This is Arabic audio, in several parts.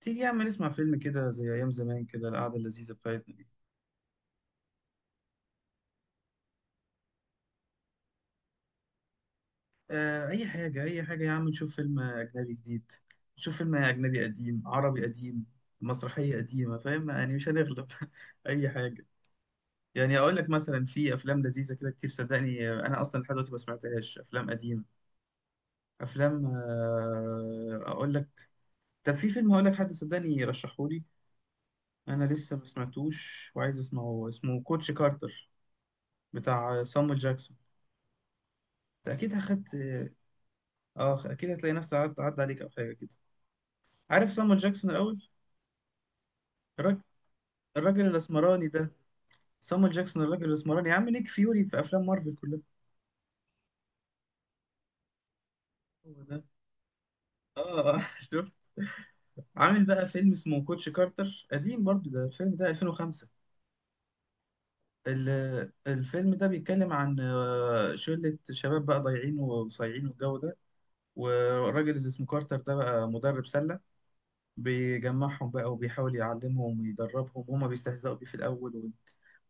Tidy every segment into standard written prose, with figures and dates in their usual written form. تيجي يا عم نسمع فيلم كده زي أيام زمان كده القعدة اللذيذة بتاعتنا دي. آه، أي حاجة يا عم، نشوف فيلم أجنبي جديد، نشوف فيلم أجنبي قديم، عربي قديم، مسرحية قديمة، فاهم يعني؟ مش هنغلب. أي حاجة. يعني أقول لك مثلا في أفلام لذيذة كده كتير، صدقني. أنا أصلا لحد دلوقتي ما سمعتهاش أفلام قديمة. أفلام، أقول لك، طب في فيلم هقول لك، حد صدقني رشحهولي، أنا لسه ما سمعتوش وعايز أسمعه، اسمه كوتش كارتر، بتاع صامويل جاكسون. أكيد أخدت، اه اكيد هتلاقي نفسك عدى عليك او حاجه كده. عارف صامويل جاكسون الاول؟ الراجل، الاسمراني ده، صامويل جاكسون، الراجل الاسمراني، عامل نيك فيوري في افلام مارفل كلها. هو ده. اه. شفت؟ عامل بقى فيلم اسمه كوتش كارتر، قديم برضو، ده الفيلم ده 2005. الفيلم ده بيتكلم عن شلة شباب بقى ضايعين وصايعين والجو ده، والراجل اللي اسمه كارتر ده بقى مدرب سلة، بيجمعهم بقى وبيحاول يعلمهم ويدربهم، وهما بيستهزئوا بيه في الأول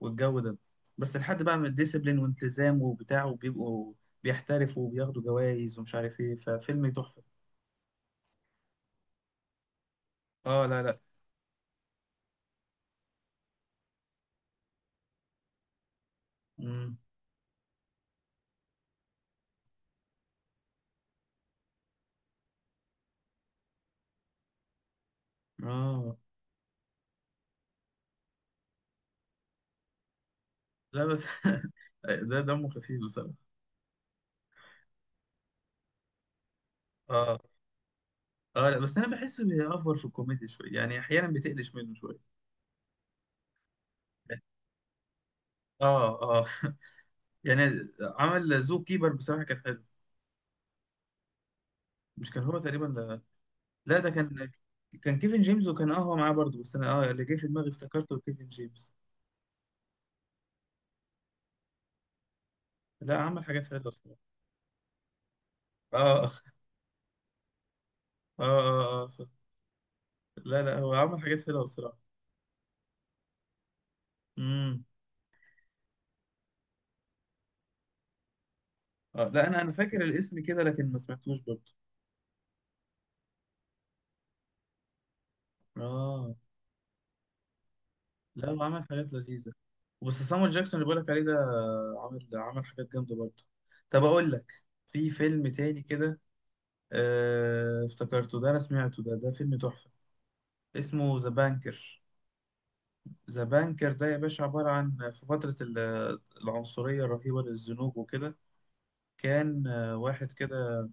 والجو ده، بس لحد بقى من الديسيبلين والتزام وبتاع، وبيبقوا بيحترفوا وبياخدوا جوائز ومش عارف ايه، ففيلم تحفة. اه، لا لا. امم. اه لا بس. ده دمه خفيف بصراحة. اه اه، لا بس انا بحسه بيأفور في الكوميديا شوية، يعني احيانا بتقلش منه شوية. اه اه. يعني عمل زو كيبر، بصراحة كان حلو. مش كان هو تقريبا؟ لا ده كان، كان كيفن جيمس، وكان اه هو معاه برضه، بس انا اه اللي جه في دماغي افتكرته كيفن جيمس. لا عمل حاجات حلوه بصراحه. اه اه صح. لا لا هو عمل حاجات حلوه بصراحه. امم. آه لا انا فاكر الاسم كده، لكن ما سمعتوش برضه. اه لا هو عمل حاجات لذيذه، بس سامويل جاكسون اللي بقولك عليه ده، عمل حاجات جامده برضه. طب اقول لك، في فيلم تاني كده افتكرته ده، انا سمعته ده، ده فيلم تحفه، اسمه ذا بانكر. ذا بانكر ده يا باشا عبارة عن، في فترة العنصرية الرهيبة للزنوج وكده، كان واحد كده،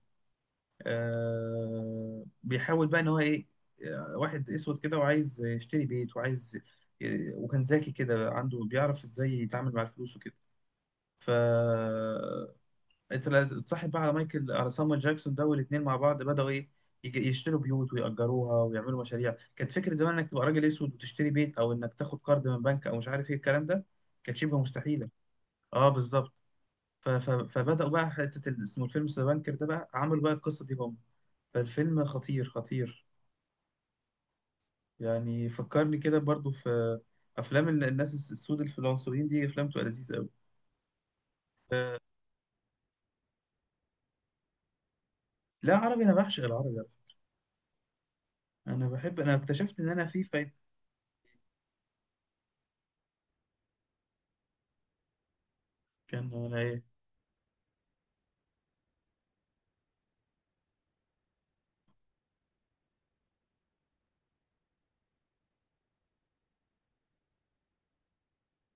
بيحاول بقى إن هو إيه، واحد أسود كده وعايز يشتري بيت وعايز، وكان ذكي كده عنده، بيعرف إزاي يتعامل مع الفلوس وكده، ف انت اتصاحب بقى على مايكل، على سامويل جاكسون ده، والاثنين مع بعض بدأوا ايه، يشتروا بيوت ويأجروها ويعملوا مشاريع. كانت فكرة زمان انك تبقى راجل اسود وتشتري بيت، او انك تاخد قرض من بنك، او مش عارف ايه الكلام ده، كانت شبه مستحيلة. اه بالظبط. ف- ف- فبدأوا بقى حتة اسمه الفيلم ذا بانكر ده بقى، عملوا بقى القصة دي هم. فالفيلم خطير خطير، يعني فكرني كده برضو في افلام الناس السود الفلانسويين دي، افلام بتبقى لذيذة قوي. ف- لا عربي، انا بعشق العربي على فكرة. انا بحب، انا اكتشفت ان انا في فايت، كان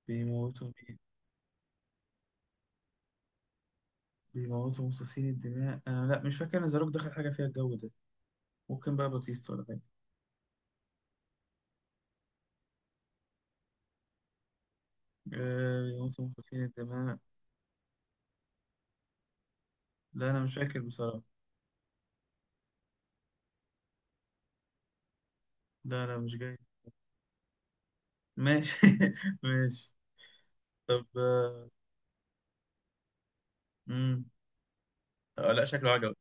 بيموتوا مين؟ بيموتوا مصاصين الدماء. انا لا مش فاكر ان زاروك دخل حاجه فيها الجو ده، ممكن بقى باتيستا ولا حاجه. آه بيموتوا مصاصين الدماء. لا انا مش فاكر بصراحه. لا لا مش جاي. ماشي. ماشي. طب آه. مم. آه لا شكله عجبك.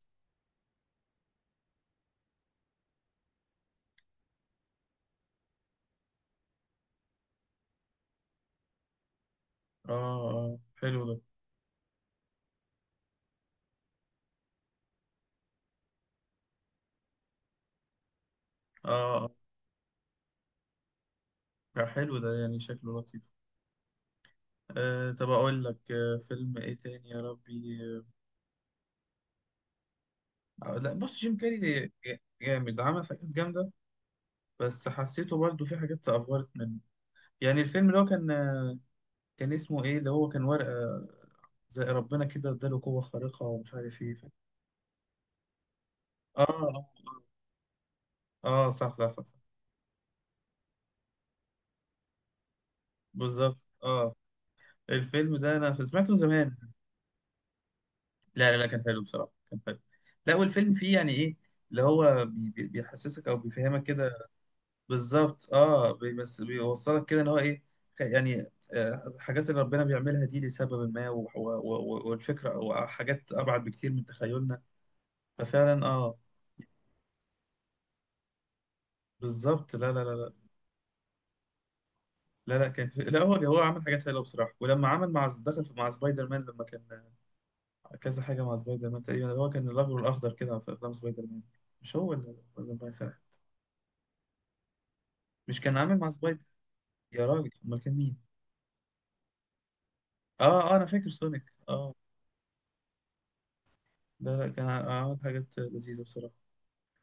اه اه حلو ده. اه اه. لا، حلو ده، يعني شكله لطيف. آه طب اقول لك آه فيلم ايه تاني يا ربي؟ آه لا بص، جيم كاري، جامد عمل حاجات جامده، بس حسيته برضه في حاجات افورت منه. يعني الفيلم اللي هو كان كان اسمه ايه، اللي هو كان ورقة زي ربنا كده اداله قوة خارقة، ومش عارف ايه. اه اه صح صح صح. بالظبط اه. الفيلم ده انا سمعته زمان. لا لا لا كان حلو بصراحة، كان حلو. لا والفيلم فيه يعني ايه، اللي هو بي بي بيحسسك او بيفهمك كده. بالظبط اه، بس بيوصلك كده ان هو ايه، يعني الحاجات اللي ربنا بيعملها دي لسبب ما، والفكرة او حاجات ابعد بكتير من تخيلنا. ففعلا اه. بالظبط لا لا لا. لا لا كان في، لا هو هو عمل حاجات حلوه بصراحه، ولما عمل مع، دخل في، مع سبايدر مان لما كان، كذا حاجه مع سبايدر مان تقريبا، هو كان الاخضر، كده في افلام سبايدر مان، مش هو ولا، ولا الله يسامحه. مش كان عامل مع سبايدر؟ يا راجل، امال كان مين؟ اه اه انا فاكر سونيك، اه. لا لا كان عمل حاجات لذيذه بصراحه.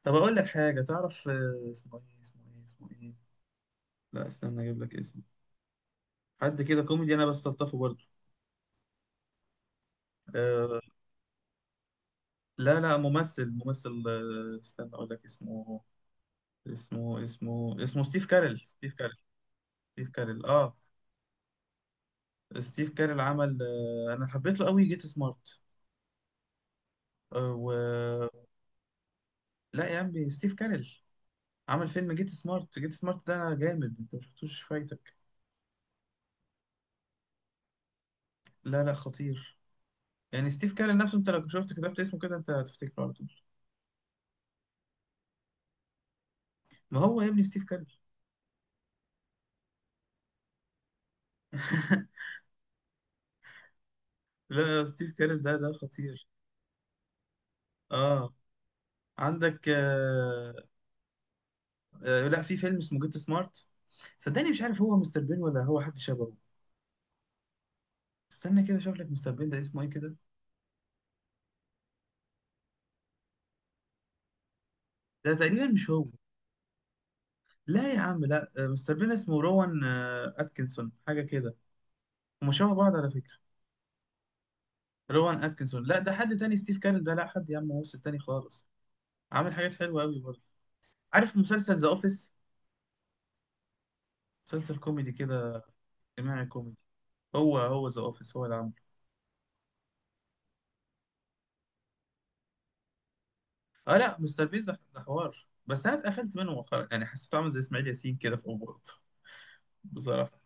طب اقول لك حاجه، تعرف اسمه ايه اسمه ايه؟ لا استنى اجيب لك اسمه، حد كده كوميدي انا بستلطفه برضه. آه لا لا ممثل، آه استنى اقول لك اسمه، اسمه ستيف كارل، ستيف كارل اه. ستيف كارل عمل آه، انا حبيت له قوي جيت سمارت، آه و. لا يا عمي ستيف كارل، عمل فيلم جيت سمارت، ده جامد، انت ما شفتوش فايتك؟ لا لا خطير. يعني ستيف كارل نفسه، انت لو كنت شفت كتبت اسمه كده، انت هتفتكره على طول. ما هو يا ابني ستيف كارل. لا ستيف كارل ده، خطير. اه عندك آه. آه لا في فيلم اسمه جيت سمارت، صدقني مش عارف هو مستر بين ولا هو حد شبهه، استنى كده اشوف لك مستر بين ده اسمه ايه كده. ده تقريبا مش هو. لا يا عم لا، مستر بين اسمه روان، اتكنسون حاجه كده، هما شبه بعض على فكره. روان اتكنسون، لا ده حد تاني. ستيف كارل ده لا، حد يا عم، هو تاني خالص، عامل حاجات حلوه قوي برضه. عارف مسلسل ذا اوفيس؟ مسلسل كوميدي كده، اجتماعي كوميدي، هو هو، ذا اوفيس هو اللي عامله. اه لا مستر بين ده حوار، بس انا اتقفلت منه مؤخرا يعني، حسيته عامل زي اسماعيل ياسين كده في اوقات. بصراحه.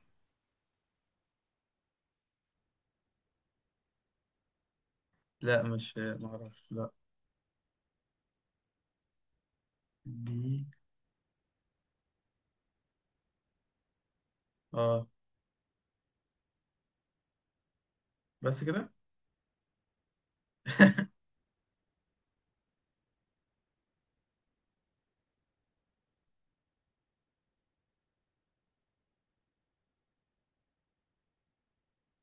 لا مش، ما اعرفش لا. بي. اه بس كده؟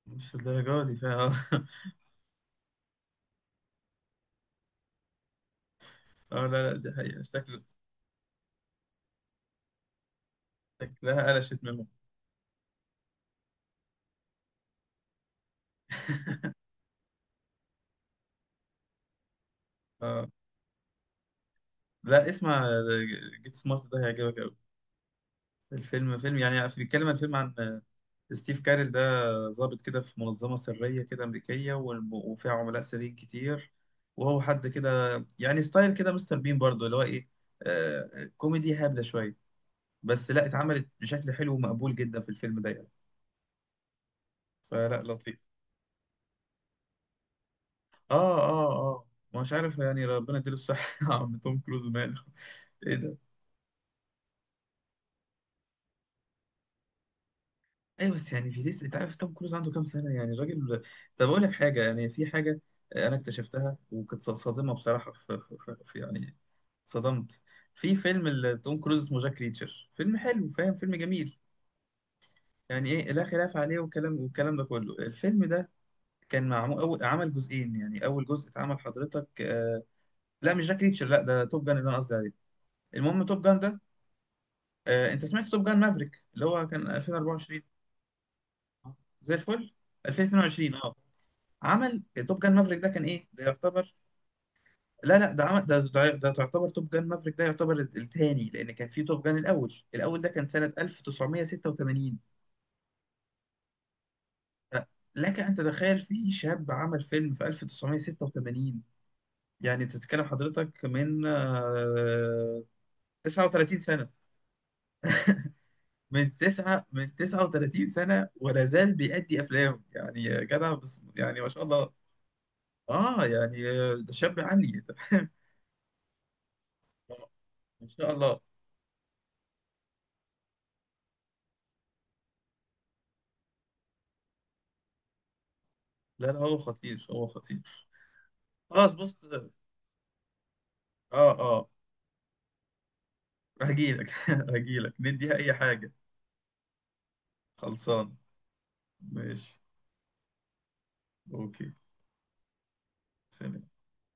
مش الدرجة دي فيها. اه لا لا دي حقيقة شكل، شكلها قلشت منهم. اه لا اسمع جيت سمارت ده هيعجبك أوي. الفيلم فيلم يعني، بيتكلم الفيلم عن ستيف كارل ده، ضابط كده في منظمة سرية كده أمريكية، وفيها عملاء سريين كتير، وهو حد كده يعني، ستايل كده مستر بين برضه، اللي هو إيه، آه كوميدي هابلة شوية، بس لا اتعملت بشكل حلو ومقبول جدا في الفيلم ده يعني. فلا لطيف. اه اه اه. ما مش عارف يعني، ربنا يديله الصحة. يا عم توم كروز ماله؟ ايه ده. ايوه بس يعني في لسه، انت عارف توم كروز عنده كام سنة يعني الراجل. طب اقول لك حاجة، يعني في حاجة انا اكتشفتها وكنت صادمة بصراحة، في يعني صدمت، في فيلم توم كروز اسمه جاك ريتشر، فيلم حلو فاهم، فيلم جميل، يعني ايه لا خلاف عليه، والكلام ده كله. الفيلم ده كان معمول، أول عمل جزئين، يعني اول جزء اتعمل حضرتك آه، لا مش جاك ريتشر، لا ده توب جان اللي انا قصدي عليه. المهم توب جان ده، انت سمعت توب جان مافريك اللي هو كان 2024؟ آه، زي الفل. 2022 اه. عمل توب جان مافريك ده، كان ايه ده يعتبر، لا لا ده عمل ده، تعتبر توب جان مافريك ده يعتبر الثاني، لان كان في توب جان الاول، الاول ده كان سنة 1986. ف- لك ان تتخيل، في شاب عمل فيلم في 1986، يعني تتكلم حضرتك من 39 سنة، من 39 سنة ولا زال بيأدي أفلام، يعني يا جدع بس، يعني ما شاء الله. اه يعني ده شاب عني. تمام، ما شاء الله. لا لا هو خطير، خطير. خلاص بص، اه اه، هجيلك. هجيلك نديها اي حاجة. خلصان، ماشي. اوكي. سلام.